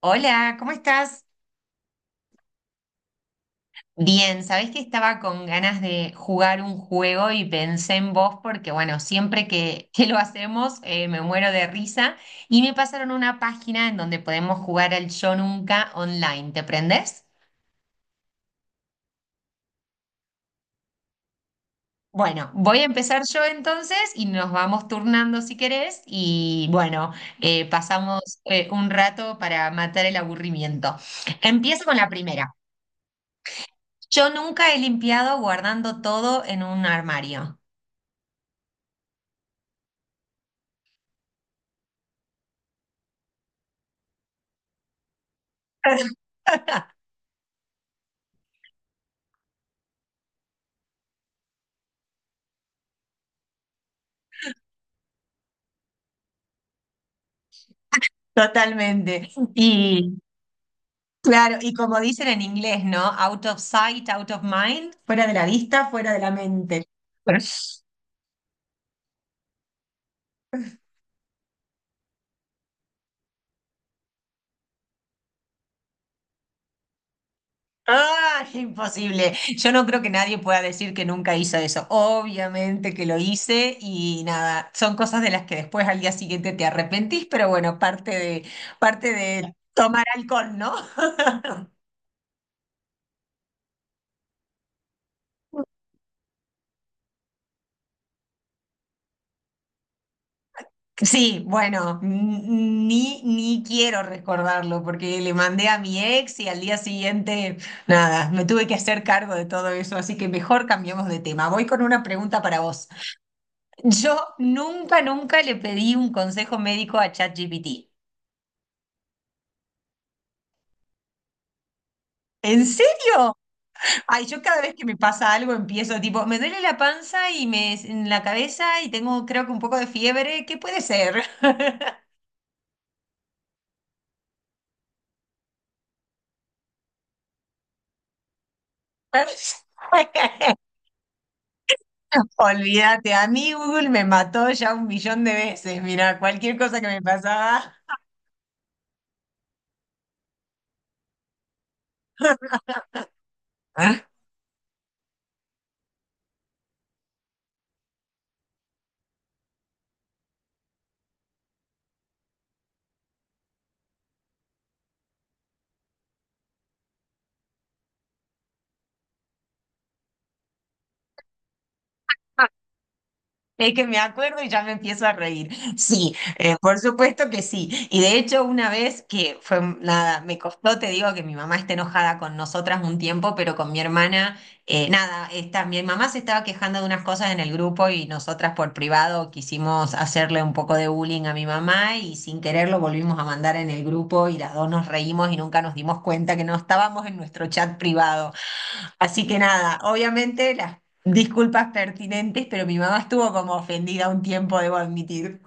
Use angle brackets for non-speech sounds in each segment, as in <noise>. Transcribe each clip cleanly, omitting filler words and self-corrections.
Hola, ¿cómo estás? Bien, sabés que estaba con ganas de jugar un juego y pensé en vos porque, bueno, siempre que lo hacemos, me muero de risa y me pasaron una página en donde podemos jugar al Yo Nunca online. ¿Te prendés? Bueno, voy a empezar yo entonces y nos vamos turnando si querés y, bueno, pasamos un rato para matar el aburrimiento. Empiezo con la primera. Yo nunca he limpiado guardando todo en un armario. Totalmente. Y claro, y como dicen en inglés, ¿no? Out of sight, out of mind, fuera de la vista, fuera de la mente. <laughs> Pero- ¡Ah! Imposible. Yo no creo que nadie pueda decir que nunca hizo eso. Obviamente que lo hice y nada, son cosas de las que después al día siguiente te arrepentís, pero bueno, parte de tomar alcohol, ¿no? Sí, bueno, ni quiero recordarlo porque le mandé a mi ex y al día siguiente, nada, me tuve que hacer cargo de todo eso, así que mejor cambiamos de tema. Voy con una pregunta para vos. Yo nunca, nunca le pedí un consejo médico a ChatGPT. ¿En serio? Ay, yo cada vez que me pasa algo empiezo tipo, me duele la panza y me en la cabeza y tengo creo que un poco de fiebre, ¿qué puede ser? <laughs> <laughs> Olvídate, a mí Google me mató ya un millón de veces. Mira, cualquier cosa que me pasaba. ¿Ah? Es que me acuerdo y ya me empiezo a reír. Sí, por supuesto que sí. Y de hecho, una vez que fue, nada, me costó, te digo que mi mamá está enojada con nosotras un tiempo, pero con mi hermana, nada, esta, mi mamá se estaba quejando de unas cosas en el grupo y nosotras por privado quisimos hacerle un poco de bullying a mi mamá y sin querer lo volvimos a mandar en el grupo y las dos nos reímos y nunca nos dimos cuenta que no estábamos en nuestro chat privado. Así que nada, obviamente las disculpas pertinentes, pero mi mamá estuvo como ofendida un tiempo, debo admitir.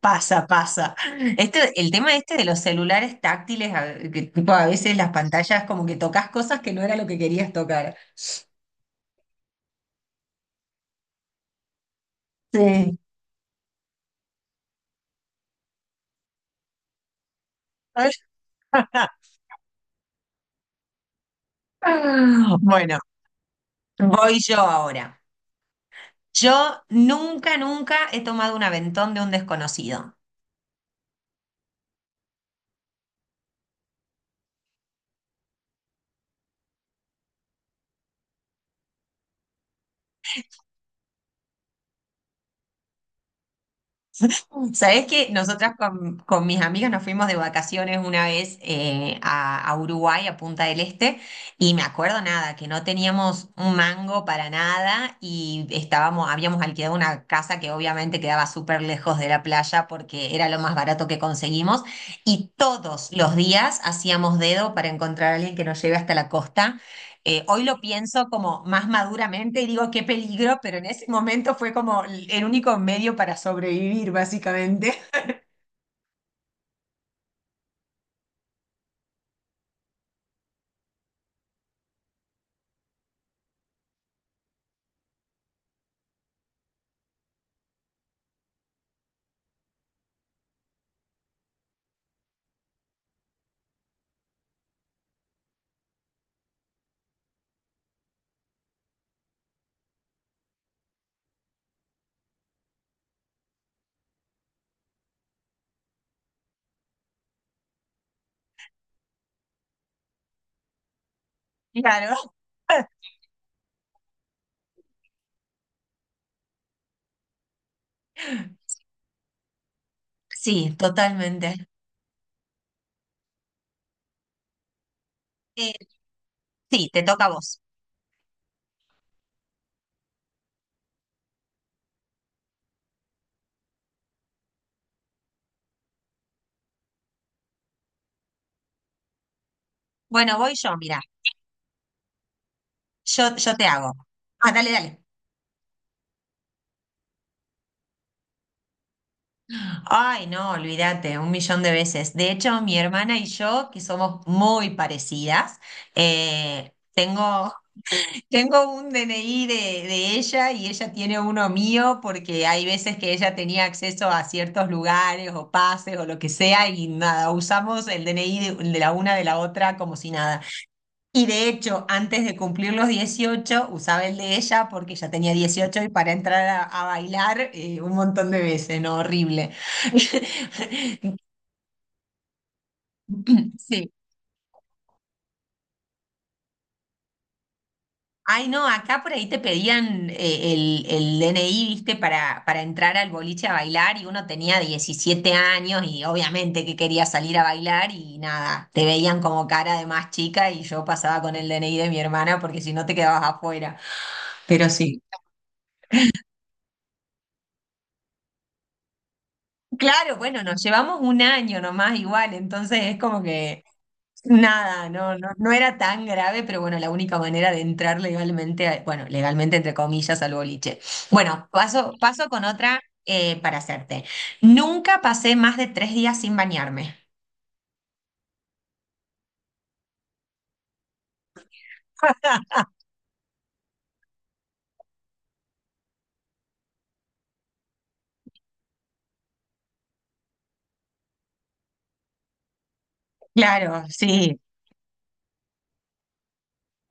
Pasa, pasa. Este, el tema este de los celulares táctiles, a- que tipo a veces las pantallas como que tocas cosas que no era lo que querías tocar. Sí. <laughs> Bueno, voy yo ahora. Yo nunca, nunca he tomado un aventón de un desconocido. ¿Sabés que nosotras con mis amigas nos fuimos de vacaciones una vez, a Uruguay, a Punta del Este, y me acuerdo nada, que no teníamos un mango para nada y estábamos, habíamos alquilado una casa que obviamente quedaba súper lejos de la playa porque era lo más barato que conseguimos y todos los días hacíamos dedo para encontrar a alguien que nos lleve hasta la costa? Hoy lo pienso como más maduramente y digo qué peligro, pero en ese momento fue como el único medio para sobrevivir, básicamente. <laughs> Claro. Sí, totalmente. Eh, sí, te toca a vos. Bueno, voy yo, mira, yo te hago. Ah, dale, dale. Ay, no, olvídate, un millón de veces. De hecho, mi hermana y yo, que somos muy parecidas, eh, tengo Tengo un DNI de ella y ella tiene uno mío porque hay veces que ella tenía acceso a ciertos lugares o pases o lo que sea y nada, usamos el DNI de la una de la otra como si nada. Y de hecho, antes de cumplir los 18 usaba el de ella porque ya tenía 18 y para entrar a bailar, un montón de veces, ¿no? Horrible. <laughs> Sí, ay, no, acá por ahí te pedían, el DNI, viste, para entrar al boliche a bailar y uno tenía 17 años y obviamente que quería salir a bailar y nada, te veían como cara de más chica y yo pasaba con el DNI de mi hermana porque si no te quedabas afuera. Pero sí. Claro, bueno, nos llevamos un año nomás igual, entonces es como que nada, no era tan grave, pero bueno, la única manera de entrar legalmente, a- bueno, legalmente entre comillas al boliche. Bueno, paso con otra, para hacerte. Nunca pasé más de 3 días sin bañarme. <laughs> Claro, sí.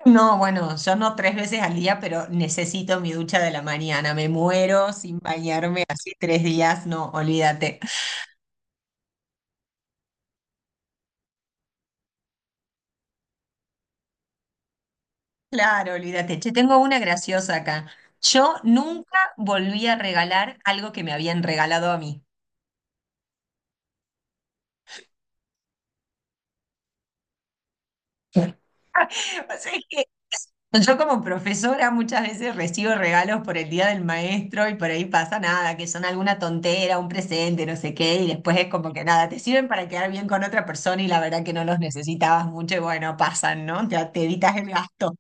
No, bueno, yo no tres veces al día, pero necesito mi ducha de la mañana. Me muero sin bañarme así 3 días. No, olvídate. Claro, olvídate. Che, tengo una graciosa acá. Yo nunca volví a regalar algo que me habían regalado a mí. Pasa, es que yo como profesora muchas veces recibo regalos por el día del maestro y por ahí pasa nada, que son alguna tontera, un presente, no sé qué, y después es como que nada, te sirven para quedar bien con otra persona y la verdad que no los necesitabas mucho y bueno, pasan, ¿no? Te evitas el gasto.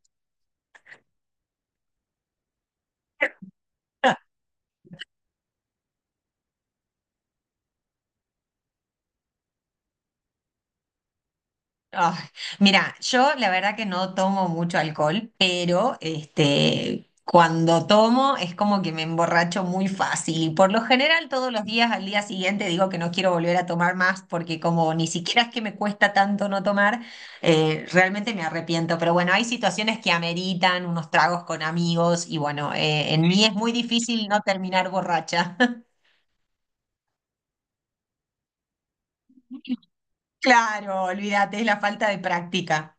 Ah, mira, yo la verdad que no tomo mucho alcohol, pero este, cuando tomo es como que me emborracho muy fácil. Y por lo general, todos los días al día siguiente digo que no quiero volver a tomar más porque como ni siquiera es que me cuesta tanto no tomar, realmente me arrepiento. Pero bueno, hay situaciones que ameritan unos tragos con amigos y bueno, en mí es muy difícil no terminar borracha. <laughs> Claro, olvídate, es la falta de práctica.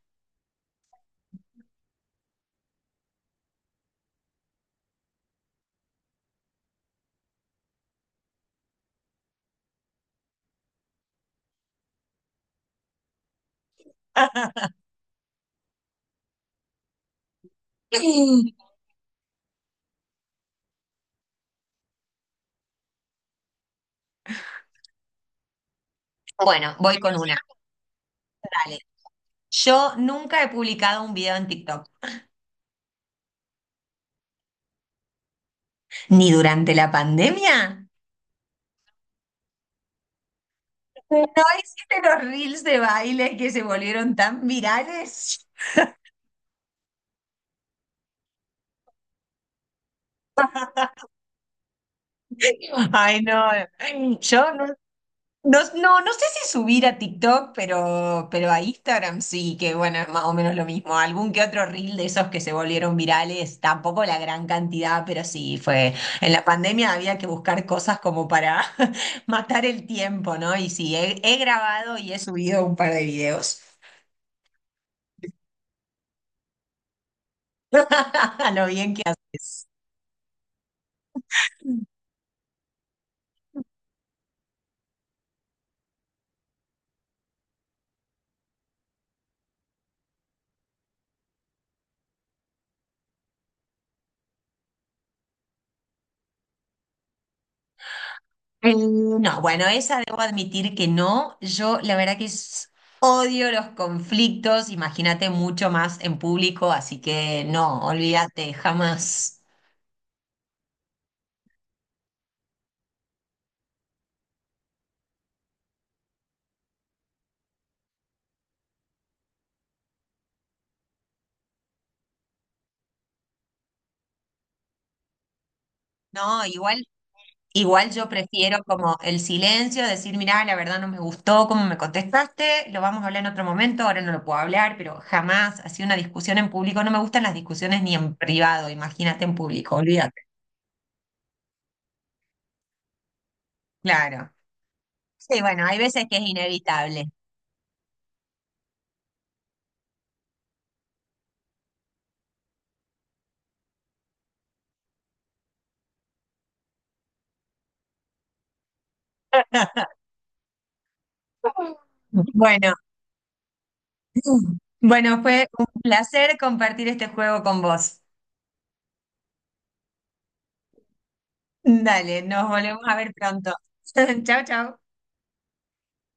<laughs> Bueno, voy con una. Dale. Yo nunca he publicado un video en TikTok, ni durante la pandemia. No hiciste los reels de baile que se volvieron tan virales. <laughs> Ay, no. Yo no. No, no sé si subir a TikTok, pero a Instagram sí, que bueno, es más o menos lo mismo. Algún que otro reel de esos que se volvieron virales, tampoco la gran cantidad, pero sí fue. En la pandemia había que buscar cosas como para <laughs> matar el tiempo, ¿no? Y sí, he grabado y he subido un par de videos. <laughs> A lo bien que haces. No, bueno, esa debo admitir que no. Yo la verdad que s- odio los conflictos, imagínate mucho más en público, así que no, olvídate, jamás. No, igual, igual yo prefiero como el silencio, decir, mirá, la verdad no me gustó cómo me contestaste, lo vamos a hablar en otro momento, ahora no lo puedo hablar, pero jamás, así una discusión en público, no me gustan las discusiones ni en privado, imagínate en público, olvídate. Claro. Sí, bueno, hay veces que es inevitable. <laughs> Bueno. Bueno, fue un placer compartir este juego con vos. Dale, nos volvemos a ver pronto. <laughs> Chao, chao.